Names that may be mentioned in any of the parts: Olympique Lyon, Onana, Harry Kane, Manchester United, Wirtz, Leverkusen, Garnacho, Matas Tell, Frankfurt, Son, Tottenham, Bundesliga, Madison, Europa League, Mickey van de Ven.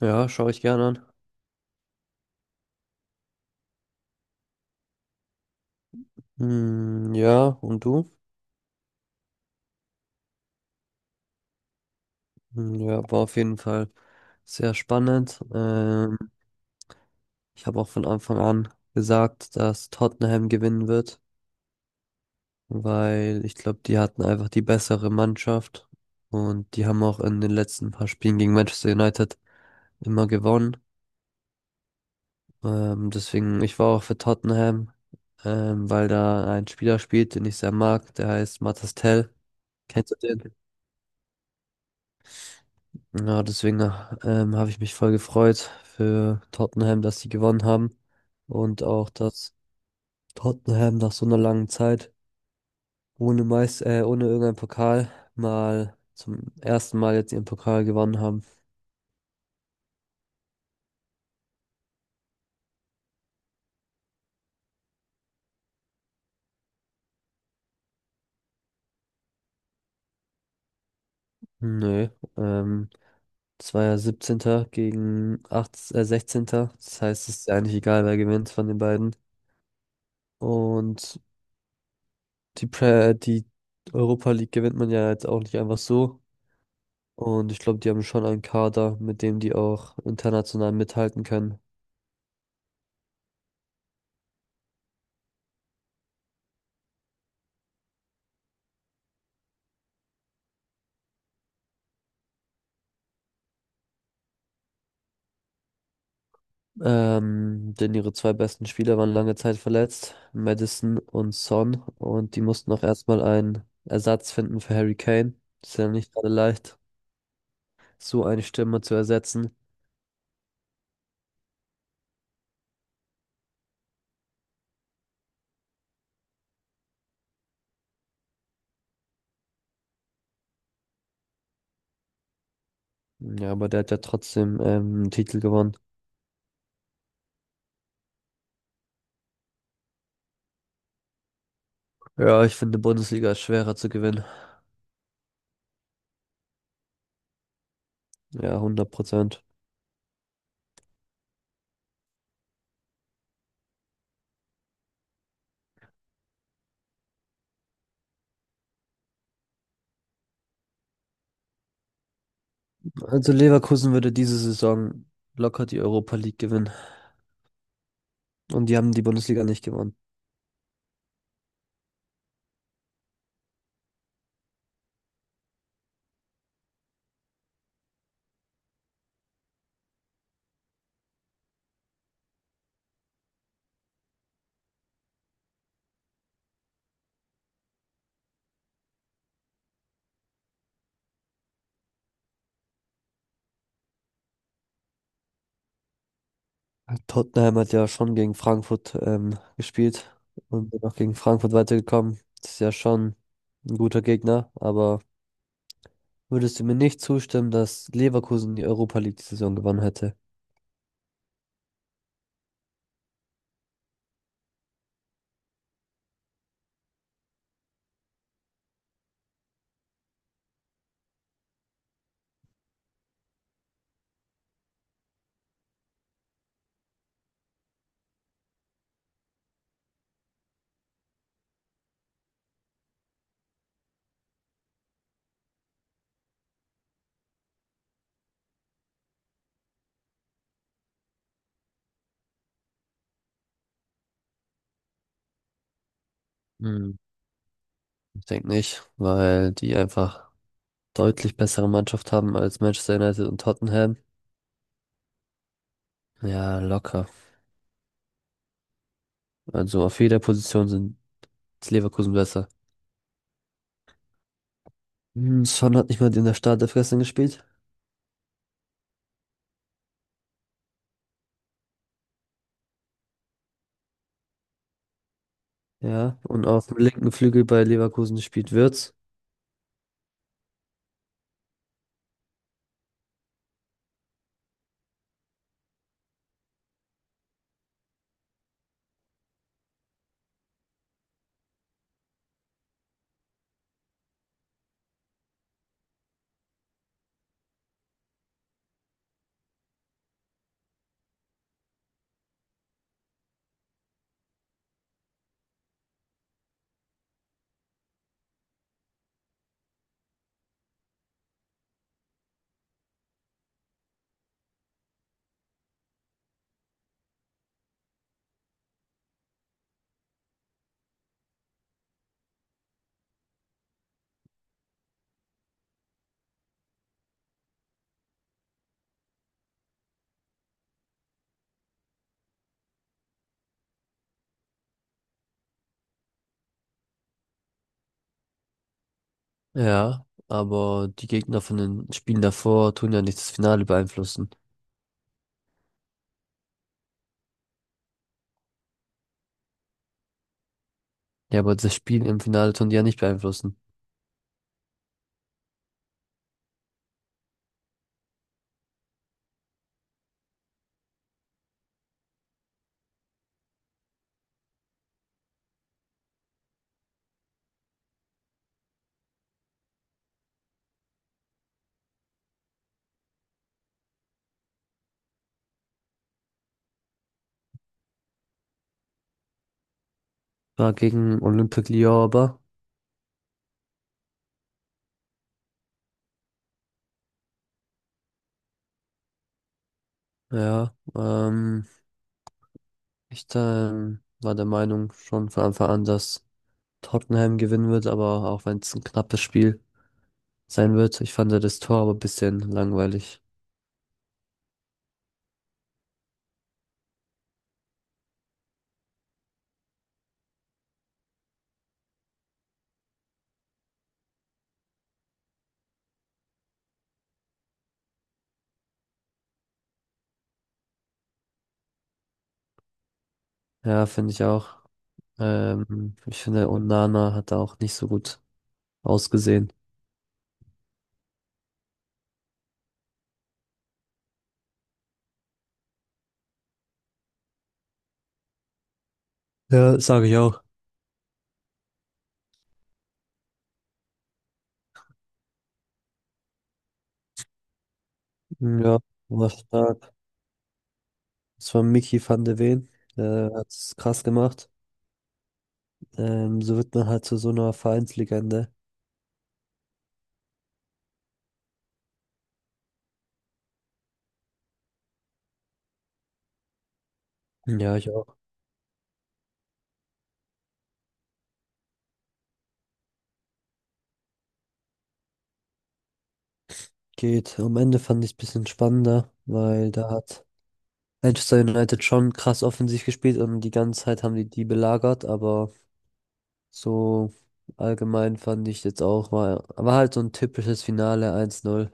Ja, schaue ich gerne an. Hm, ja, und du? Hm, ja, war auf jeden Fall sehr spannend. Ich habe auch von Anfang an gesagt, dass Tottenham gewinnen wird, weil ich glaube, die hatten einfach die bessere Mannschaft und die haben auch in den letzten paar Spielen gegen Manchester United immer gewonnen. Deswegen, ich war auch für Tottenham, weil da ein Spieler spielt, den ich sehr mag, der heißt Matas Tell. Kennst du den? Ja, deswegen habe ich mich voll gefreut für Tottenham, dass sie gewonnen haben. Und auch, dass Tottenham nach so einer langen Zeit ohne Meist ohne irgendeinen Pokal mal zum ersten Mal jetzt ihren Pokal gewonnen haben. Nö, ähm, das war ja 17. gegen 8 sechzehnter. Das heißt, es ist ja eigentlich egal, wer gewinnt von den beiden. Und die Europa League gewinnt man ja jetzt auch nicht einfach so. Und ich glaube, die haben schon einen Kader, mit dem die auch international mithalten können. Denn ihre zwei besten Spieler waren lange Zeit verletzt, Madison und Son. Und die mussten auch erstmal einen Ersatz finden für Harry Kane. Ist ja nicht gerade leicht, so eine Stimme zu ersetzen. Ja, aber der hat ja trotzdem einen Titel gewonnen. Ja, ich finde, Bundesliga ist schwerer zu gewinnen. Ja, hundert Prozent. Also Leverkusen würde diese Saison locker die Europa League gewinnen. Und die haben die Bundesliga nicht gewonnen. Tottenham hat ja schon gegen Frankfurt gespielt und bin auch gegen Frankfurt weitergekommen. Das ist ja schon ein guter Gegner, aber würdest du mir nicht zustimmen, dass Leverkusen die Europa League die Saison gewonnen hätte? Hm, Ich denke nicht, weil die einfach deutlich bessere Mannschaft haben als Manchester United und Tottenham. Ja, locker. Also auf jeder Position sind ist Leverkusen besser. Son hat nicht mal in der Startelf gestern gespielt. Ja, und auf dem linken Flügel bei Leverkusen spielt Wirtz. Ja, aber die Gegner von den Spielen davor tun ja nicht das Finale beeinflussen. Ja, aber das Spiel im Finale tun die ja nicht beeinflussen. War gegen Olympique Lyon aber. Ja, ich war der Meinung schon von Anfang an, dass Tottenham gewinnen wird, aber auch wenn es ein knappes Spiel sein wird. Ich fand ja das Tor aber ein bisschen langweilig. Ja, finde ich auch. Ich finde, Onana hat da auch nicht so gut ausgesehen. Ja, sage ich auch. Ja, was da das war Mickey van de Ven. Der hat es krass gemacht. So wird man halt zu so einer Vereinslegende. Ja, ich auch. Geht. Am Ende fand ich es ein bisschen spannender, weil da hat Manchester United schon krass offensiv gespielt und die ganze Zeit haben die die belagert, aber so allgemein fand ich jetzt auch, war halt so ein typisches Finale 1-0.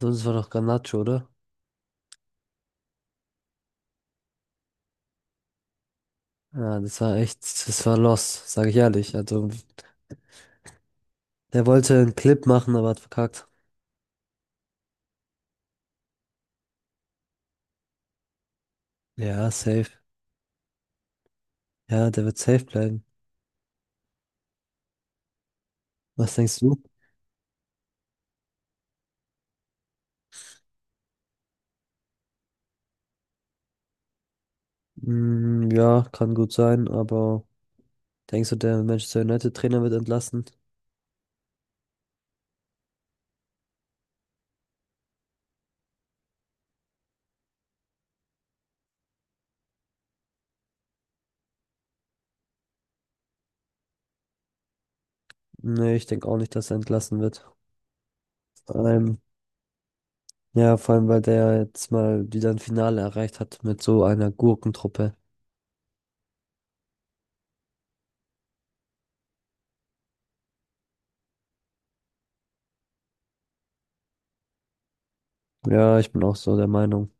Sonst war doch Garnacho, oder? Ja, das war echt, das war los, sage ich ehrlich. Also, der wollte einen Clip machen, aber hat verkackt. Ja, safe. Ja, der wird safe bleiben. Was denkst du? Mm, ja, kann gut sein, aber denkst du, der Manchester United Trainer wird entlassen? Nee, ich denke auch nicht, dass er entlassen wird. Vor allem, ja, vor allem, weil der jetzt mal wieder ein Finale erreicht hat mit so einer Gurkentruppe. Ja, ich bin auch so der Meinung.